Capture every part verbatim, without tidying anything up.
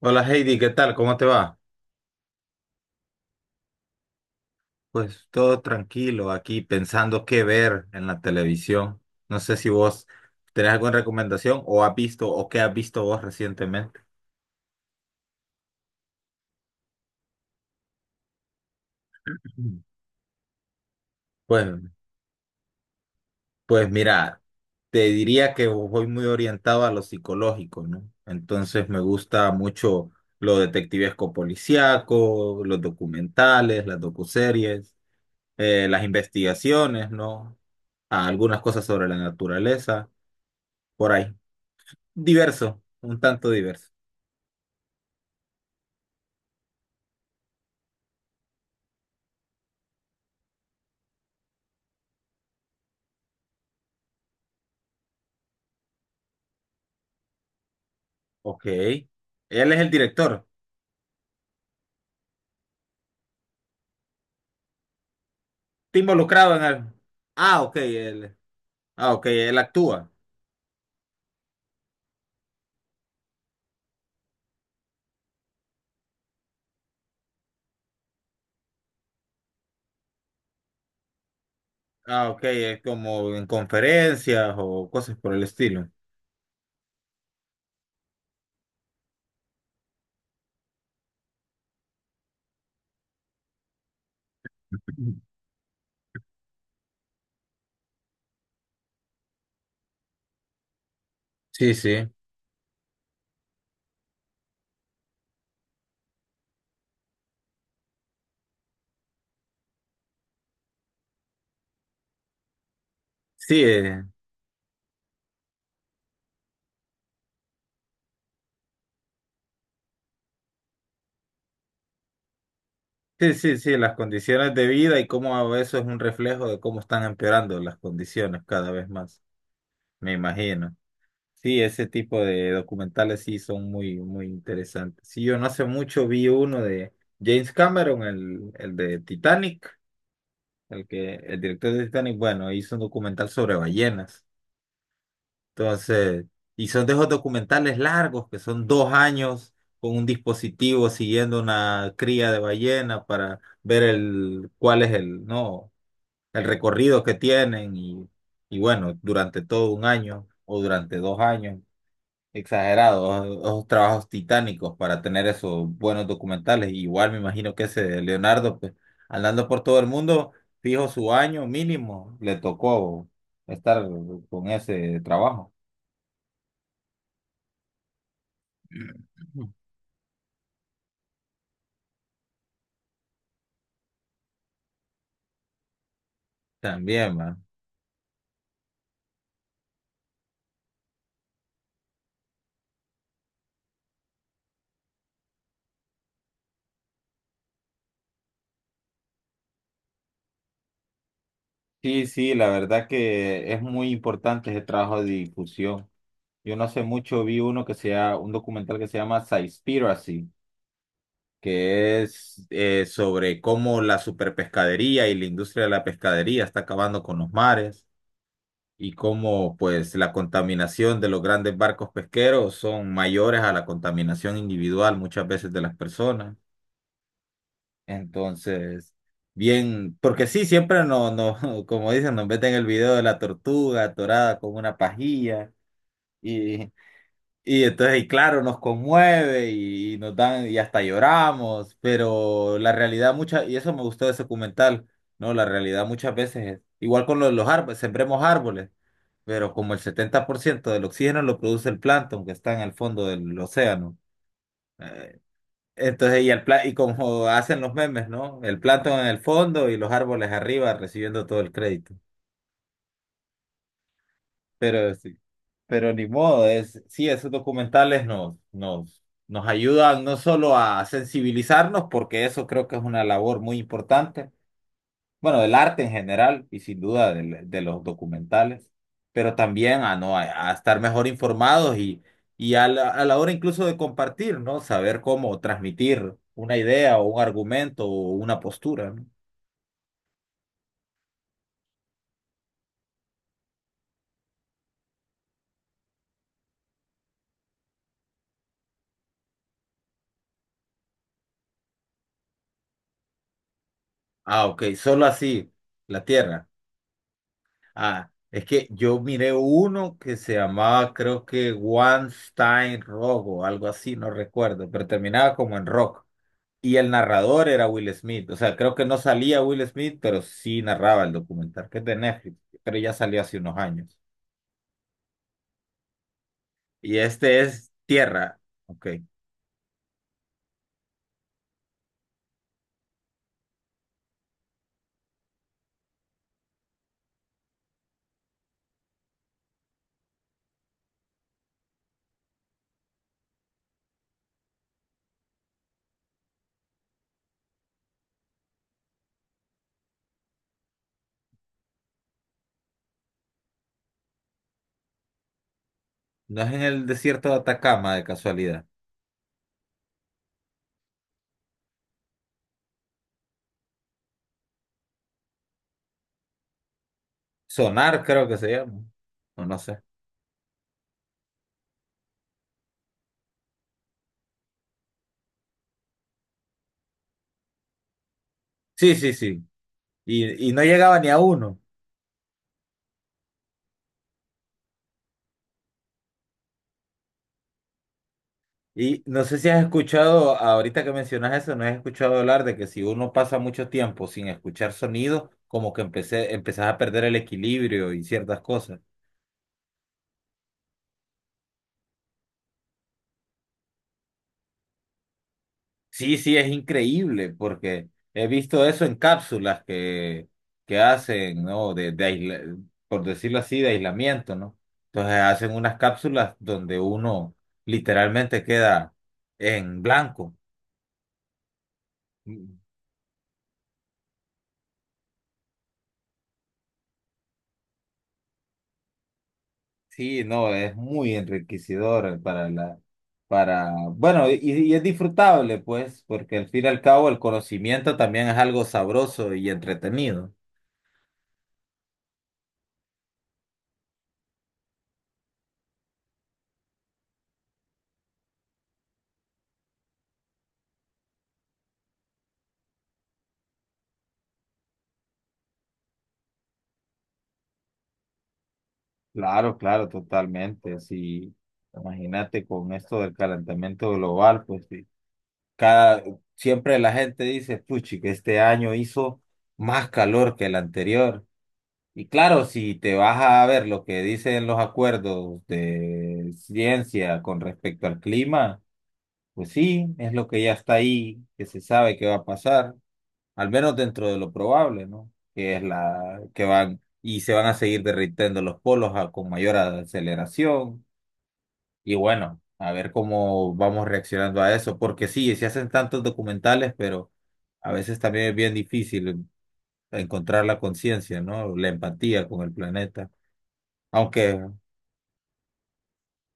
Hola Heidi, ¿qué tal? ¿Cómo te va? Pues todo tranquilo aquí pensando qué ver en la televisión. No sé si vos tenés alguna recomendación o has visto o qué has visto vos recientemente. Ujú. Pues, pues mira, te diría que voy muy orientado a lo psicológico, ¿no? Entonces me gusta mucho lo detectivesco policíaco, los documentales, las docuseries, eh, las investigaciones, ¿no? Algunas cosas sobre la naturaleza, por ahí. Diverso, un tanto diverso. Ok. Él es el director. Está involucrado en el. Ah, ok, él. Ah, ok, él actúa. Ah, ok, es como en conferencias o cosas por el estilo. Sí, sí. Sí, eh, sí, sí, sí, las condiciones de vida y cómo eso es un reflejo de cómo están empeorando las condiciones cada vez más, me imagino. Sí, ese tipo de documentales sí son muy, muy interesantes. Sí, yo no hace mucho vi uno de James Cameron, el, el de Titanic, el que, el director de Titanic, bueno, hizo un documental sobre ballenas. Entonces, y son de esos documentales largos que son dos años con un dispositivo siguiendo una cría de ballena para ver el, cuál es el, no, el recorrido que tienen y, y bueno, durante todo un año o durante dos años. Exagerados, esos trabajos titánicos para tener esos buenos documentales. Igual me imagino que ese Leonardo, pues, andando por todo el mundo, fijo su año mínimo, le tocó estar con ese trabajo. También, man. Sí, sí, la verdad que es muy importante ese trabajo de difusión. Yo no sé mucho, vi uno que sea un documental que se llama Seaspiracy que es eh, sobre cómo la superpescadería y la industria de la pescadería está acabando con los mares y cómo pues la contaminación de los grandes barcos pesqueros son mayores a la contaminación individual muchas veces de las personas. Entonces, bien, porque sí, siempre no, no, como dicen, nos meten el video de la tortuga atorada con una pajilla. y y entonces, y claro, nos conmueve y, y nos dan, y hasta lloramos, pero la realidad mucha, y eso me gustó de ese documental, ¿no? La realidad muchas veces es, igual con los, los árboles, sembremos árboles, pero como el setenta por ciento del oxígeno lo produce el plancton que está en el fondo del océano. Eh, entonces, y, el, pla- y como hacen los memes, ¿no? El plancton en el fondo y los árboles arriba recibiendo todo el crédito. Pero sí, pero ni modo, es, sí, esos documentales nos, nos, nos ayudan no solo a sensibilizarnos, porque eso creo que es una labor muy importante, bueno, del arte en general y sin duda del- de, los documentales, pero también a, no, a, a estar mejor informados y, y a la, a la hora incluso de compartir, ¿no? Saber cómo transmitir una idea o un argumento o una postura, ¿no? Ah, ok, solo así, la tierra. Ah, es que yo miré uno que se llamaba, creo que One Stein Rock o algo así, no recuerdo, pero terminaba como en rock. Y el narrador era Will Smith. O sea, creo que no salía Will Smith, pero sí narraba el documental, que es de Netflix, pero ya salió hace unos años. Y este es Tierra. Ok. No es en el desierto de Atacama, de casualidad. Sonar, creo que se llama. O no sé. Sí, sí, sí. Y, y no llegaba ni a uno. Y no sé si has escuchado, ahorita que mencionas eso, no has escuchado hablar de que si uno pasa mucho tiempo sin escuchar sonidos, como que empecé, empezás a perder el equilibrio y ciertas cosas. Sí, sí, es increíble, porque he visto eso en cápsulas que, que hacen, ¿no? De, de aisla- por decirlo así, de aislamiento, ¿no? Entonces hacen unas cápsulas donde uno literalmente queda en blanco. Sí, no, es muy enriquecedor para la, para, bueno, y, y es disfrutable, pues, porque al fin y al cabo el conocimiento también es algo sabroso y entretenido. Claro, claro, totalmente. Sí, imagínate con esto del calentamiento global, pues sí, cada, siempre la gente dice, puchi, que este año hizo más calor que el anterior. Y claro, si te vas a ver lo que dicen los acuerdos de ciencia con respecto al clima, pues sí, es lo que ya está ahí, que se sabe que va a pasar, al menos dentro de lo probable, ¿no? Que es la que van y se van a seguir derritiendo los polos a- con mayor aceleración y bueno, a ver cómo vamos reaccionando a eso, porque sí, se hacen tantos documentales, pero a veces también es bien difícil encontrar la conciencia, ¿no? La empatía con el planeta, aunque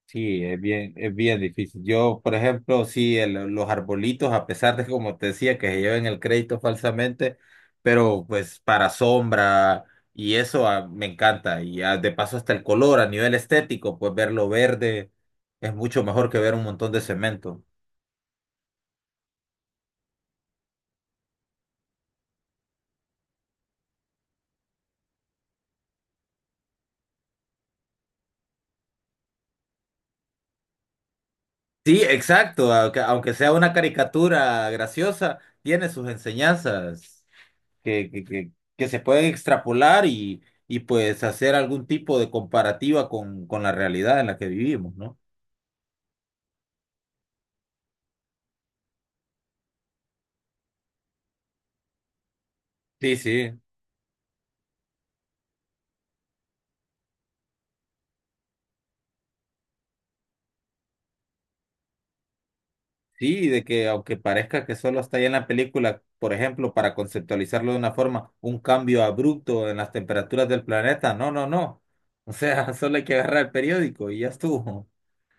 sí, es bien, es bien difícil. Yo, por ejemplo, sí, el- los arbolitos, a pesar de, como te decía, que se lleven el crédito falsamente, pero pues para sombra y eso ah, me encanta. Y ah, de paso hasta el color a nivel estético, pues verlo verde es mucho mejor que ver un montón de cemento. Sí, exacto, aunque, aunque sea una caricatura graciosa, tiene sus enseñanzas. que, que, que, que se pueden extrapolar y, y pues hacer algún tipo de comparativa con, con la realidad en la que vivimos, ¿no? Sí, sí, sí, de que aunque parezca que solo está ahí en la película, por ejemplo, para conceptualizarlo de una forma, un cambio abrupto en las temperaturas del planeta, no, no, no. O sea, solo hay que agarrar el periódico y ya estuvo.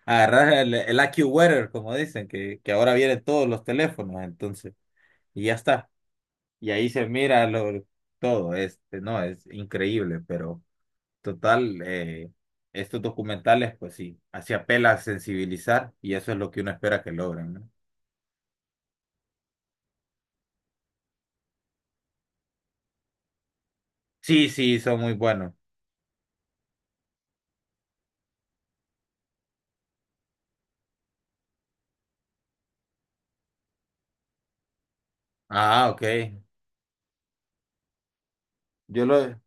Agarrar el, el AccuWeather, como dicen, que, que ahora vienen todos los teléfonos, entonces, y ya está. Y ahí se mira lo, todo, este, no, es increíble, pero total, eh, estos documentales, pues sí, así apela a sensibilizar y eso es lo que uno espera que logren, ¿no? Sí, sí, son muy buenos. Ah, ok. Yo lo,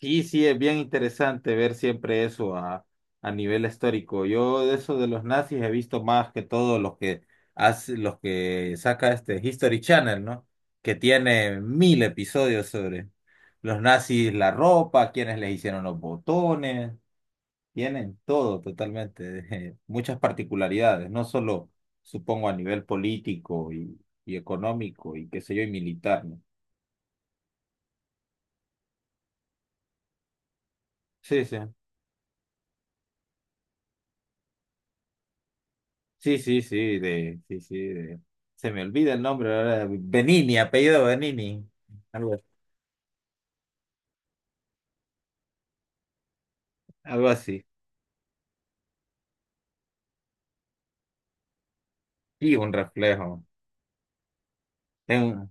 Sí, sí, es bien interesante ver siempre eso a, a nivel histórico. Yo de eso de los nazis he visto más que todo los que hace, los que saca este History Channel, ¿no? Que tiene mil episodios sobre los nazis, la ropa, quienes les hicieron los botones, tienen todo totalmente, muchas particularidades, no solo supongo a nivel político y, y económico y qué sé yo, y militar, ¿no? Sí, sí. Sí, sí, sí, de, sí, sí, de- Se me olvida el nombre ahora, Benini, apellido Benini, algo, algo así. Sí, un reflejo. En-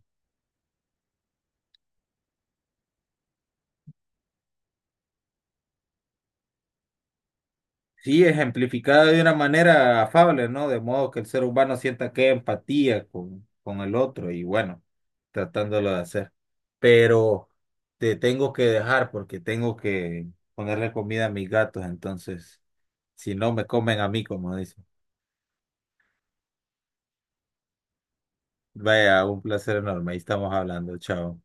sí, ejemplificado de una manera afable, ¿no? De modo que el ser humano sienta que empatía con, con el otro y bueno, tratándolo de hacer. Pero te tengo que dejar porque tengo que ponerle comida a mis gatos, entonces, si no me comen a mí, como dicen. Vaya, un placer enorme, ahí estamos hablando, chao.